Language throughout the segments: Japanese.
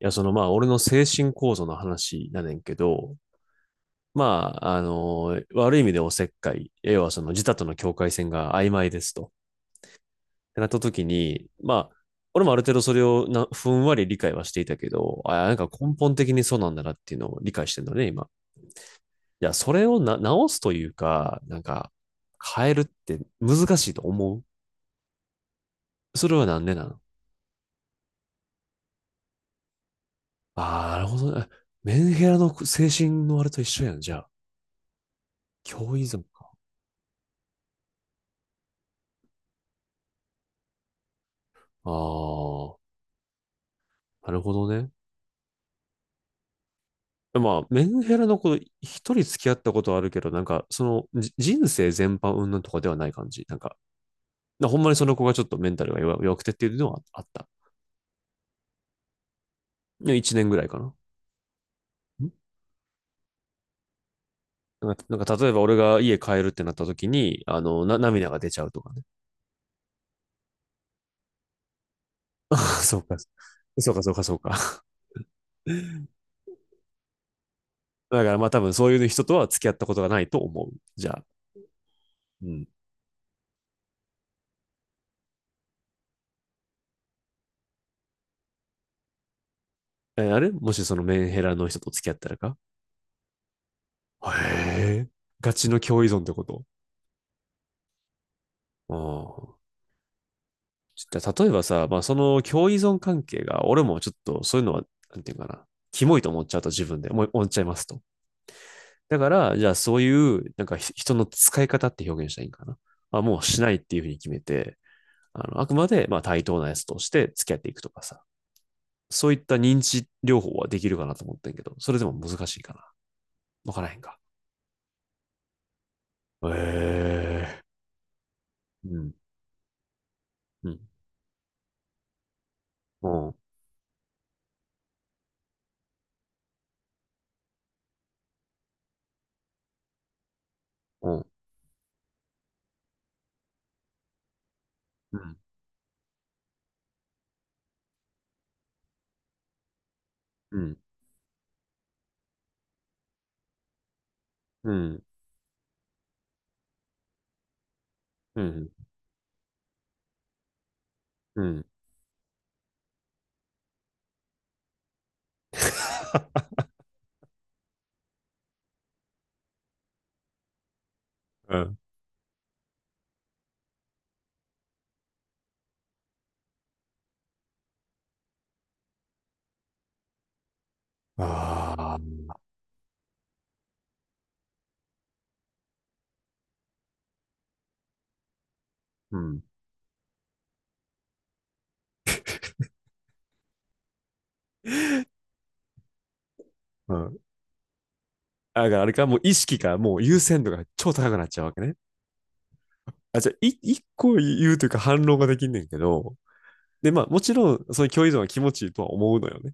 や、まあ、俺の精神構造の話やねんけど、まあ、悪い意味でおせっかい、要はその自他との境界線が曖昧ですと。ってなった時に、まあ、俺もある程度それをふんわり理解はしていたけど、あ、なんか根本的にそうなんだなっていうのを理解してんだね、今。いや、それを直すというか、なんか、変えるって難しいと思う。それはなんでなの？ああ、なるほどね。メンヘラの精神のあれと一緒やん、じゃあ。教依存か。ああ。なるほどね。まあ、メンヘラの子、一人付き合ったことはあるけど、なんか、人生全般云々とかではない感じ。なんか、ほんまにその子がちょっとメンタルが弱くてっていうのはあった。1年ぐらいかな。なんか、例えば俺が家帰るってなった時に、涙が出ちゃうとかね。あそうか。そうか、そうか、そうか。だからまあ多分そういう人とは付き合ったことがないと思う。じゃあ。うん。あれ、もしそのメンヘラの人と付き合ったらか？へえ。ガチの共依存ってこと？ああ。例えばさ、まあ、その共依存関係が、俺もちょっとそういうのは、なんていうかな、キモいと思っちゃうと自分で思っちゃいますと。だから、じゃあそういう、なんか人の使い方って表現したらいいんかな。まあ、もうしないっていうふうに決めて、あくまでまあ対等なやつとして付き合っていくとかさ、そういった認知療法はできるかなと思ってんけど、それでも難しいかな。わからへんか。ええー、うん、うん、うん、うん、うん、うん、うん、うん、うん。ああ、うん。うん。だからあれか、もう意識か、もう優先度が超高くなっちゃうわけね。あ、じゃあ、一個言うというか反論ができんねんけど、で、まあ、もちろん、その共依存は気持ちいいとは思うのよね。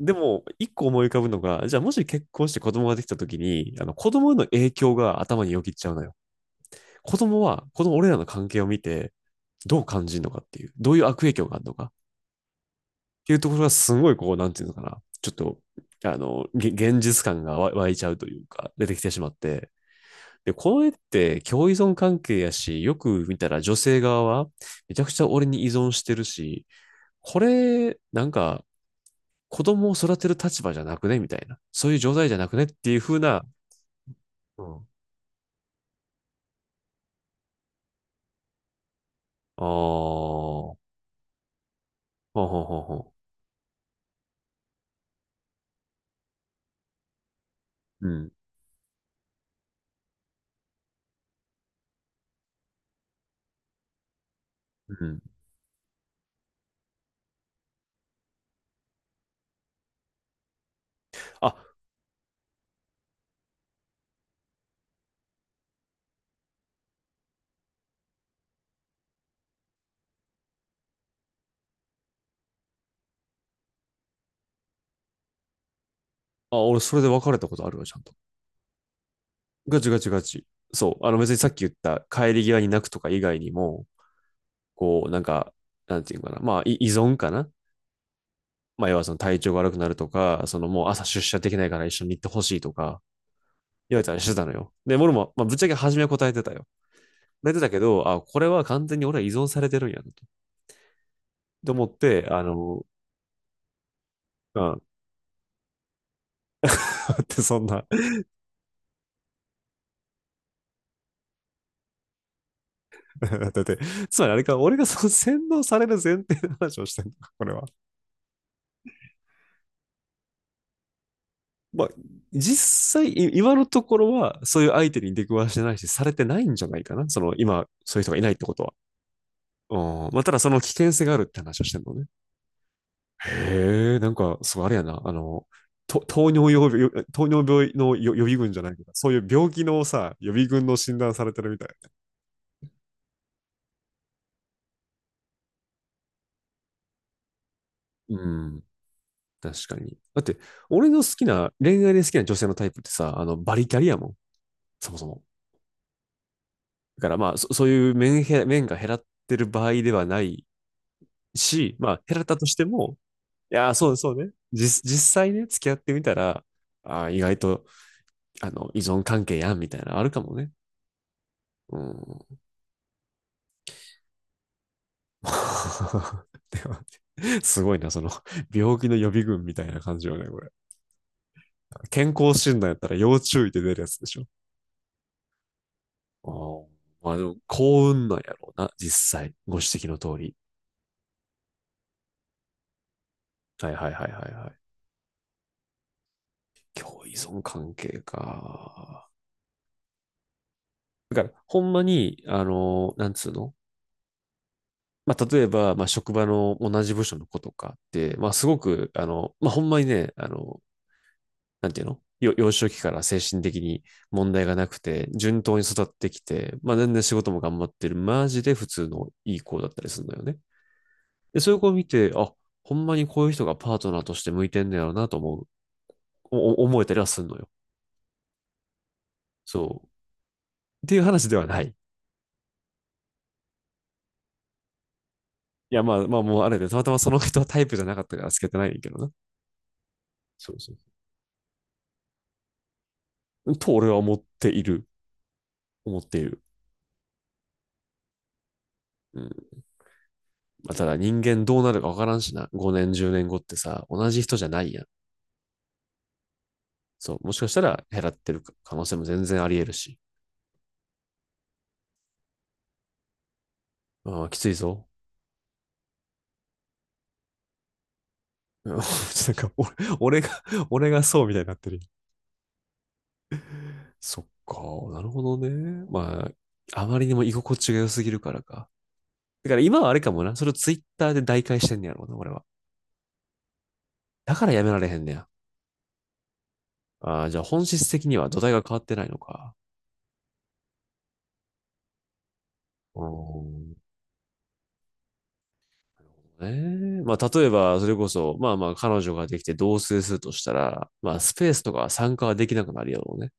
でも、一個思い浮かぶのが、じゃあ、もし結婚して子供ができた時に、子供への影響が頭によぎっちゃうのよ。子供は、この俺らの関係を見て、どう感じるのかっていう、どういう悪影響があるのかっていうところが、すごい、こう、なんていうのかな、ちょっと、現実感が湧いちゃうというか、出てきてしまって、で、これって共依存関係やし、よく見たら女性側はめちゃくちゃ俺に依存してるし、これ、なんか子供を育てる立場じゃなくねみたいな。そういう状態じゃなくねっていう風な、うん。ああ、ほうほうほうほう。うん。うん。あ、俺それで別れたことあるわ、ちゃんと。ガチガチガチ。そう。あの別にさっき言った帰り際に泣くとか以外にも、こう、なんか、なんていうのかな。まあ、依存かな。まあ、要はその体調が悪くなるとか、そのもう朝出社できないから一緒に行ってほしいとか、言われたりしてたのよ。で、俺も、まあ、ぶっちゃけ初めは答えてたよ。答えてたけど、あ、これは完全に俺は依存されてるんやなと。と思って、あの、うん。だってそんな、だって、つまりあれか、俺がその洗脳される前提の話をしてるのか、これは。まあ、実際、今のところは、そういう相手に出くわしてないし、されてないんじゃないかな。その、今、そういう人がいないってことは。うん。まあ、ただその危険性があるって話をしてるのね。へえ、なんか、そう、あれやな、あの、と糖尿病、よ糖尿病の予備軍じゃないけど、そういう病気のさ、予備軍の診断されてるみたい。うん、確かに。だって、俺の好きな、恋愛で好きな女性のタイプってさ、あの、バリキャリやもん、そもそも。だからまあ、そういう面が減らってる場合ではないし、まあ、減らったとしても、いやー、そうそうね。実際ね、付き合ってみたら、あー意外と、あの、依存関係やん、みたいな、あるかもね。うん。でもすごいな、その、病気の予備軍みたいな感じよね、これ。健康診断やったら要注意で出るやつでしょ。あまあでも、幸運なんやろうな、実際。ご指摘の通り。はいはいはいはいはい。共依存関係か。だから、ほんまに、あの、なんつうの。まあ、例えば、まあ、職場の同じ部署の子とかって、まあ、すごく、あの、まあ、ほんまにね、あの、なんていうの。幼少期から精神的に問題がなくて、順当に育ってきて、まあ全然仕事も頑張ってる、マジで普通のいい子だったりするのよね。で、そういう子を見て、あ、ほんまにこういう人がパートナーとして向いてんねやろうなと思う、思えたりはするのよ。そう。っていう話ではない。いや、まあまあもうあれで、たまたまその人はタイプじゃなかったからつけてないんだけどな。そうそう。と俺は思っている。思っている。うん。まあ、ただ人間どうなるかわからんしな。5年、10年後ってさ、同じ人じゃないやん。そう、もしかしたら減らってる可能性も全然あり得るし。ああ、きついぞ。なんか俺、俺が、俺がそうみたいになってる。そっか、なるほどね。まあ、あまりにも居心地が良すぎるからか。だから今はあれかもな。それをツイッターで代替してんねやろうな、俺は。だからやめられへんねや。ああ、じゃあ本質的には土台が変わってないのか。うーん。ね。まあ、例えば、それこそ、まあまあ、彼女ができて同棲するとしたら、まあ、スペースとか参加はできなくなるやろうね。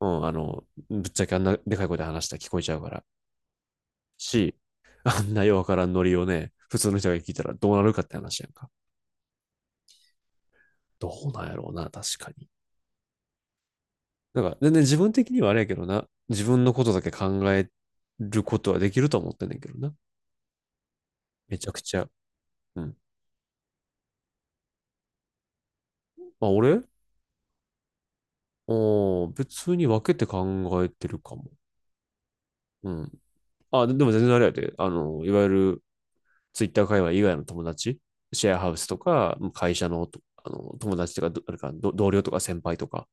うん、あの、ぶっちゃけあんなでかい声で話したら聞こえちゃうから。し、あんなようわからんノリをね、普通の人が聞いたらどうなるかって話やんか。どうなんやろうな、確かに。だから、全然自分的にはあれやけどな、自分のことだけ考えることはできると思ってんねんけどな。めちゃくちゃ。うん。まあ、俺別に分けて考えてるかも。うん。あ、でも全然あれやで。あの、いわゆるツイッター界隈以外の友達、シェアハウスとか、会社のあの友達とかあれか同僚とか先輩とか、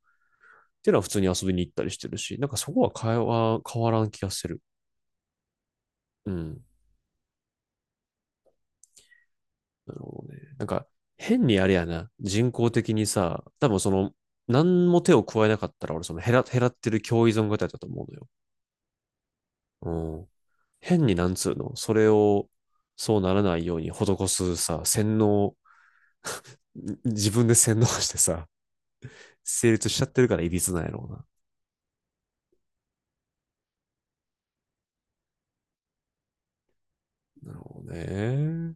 っていうのは普通に遊びに行ったりしてるし、なんかそこは会話変わらん気がする。うん。なるほどね。なんか変にあれやな、人工的にさ、多分その、何も手を加えなかったら俺その減らってる共依存型だと思うのよ。うん。変になんつうの、それをそうならないように施すさ、洗脳、自分で洗脳してさ、成立しちゃってるからいびつなんやろうな。なるほどね。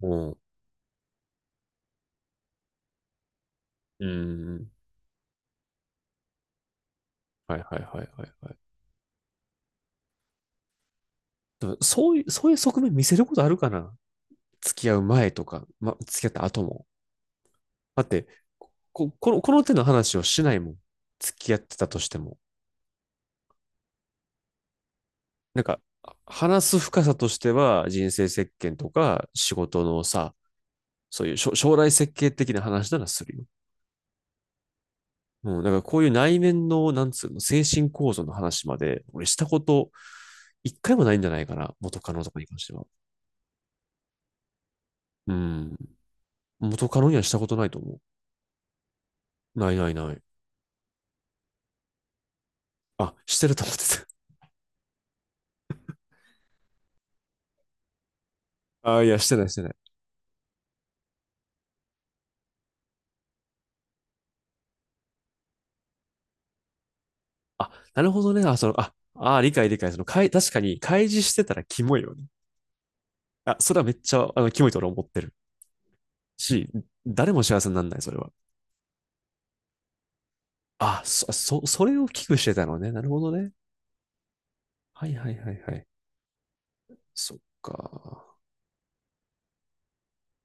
もうん、うん。はいはいはいはいはい。でもそういう、そういう側面見せることあるかな？付き合う前とか、ま、付き合った後も。だって、の、この手の話をしないもん。付き合ってたとしても。なんか、話す深さとしては、人生設計とか、仕事のさ、そういう将来設計的な話ならするよ。うん、だからこういう内面の、なんつうの、精神構造の話まで、俺したこと、一回もないんじゃないかな。元カノとかに関しては。うん。元カノにはしたことないと思う。ないないない。あ、してると思ってた。あ、いや、してないしてない。あ、なるほどね。あ、その、理解理解。その、確かに、開示してたらキモいよね。あ、それはめっちゃ、あの、キモいと俺思ってる。し、誰も幸せにならない、それは。あ、それを危惧してたのね。なるほどね。はいはいはいはい。そっか。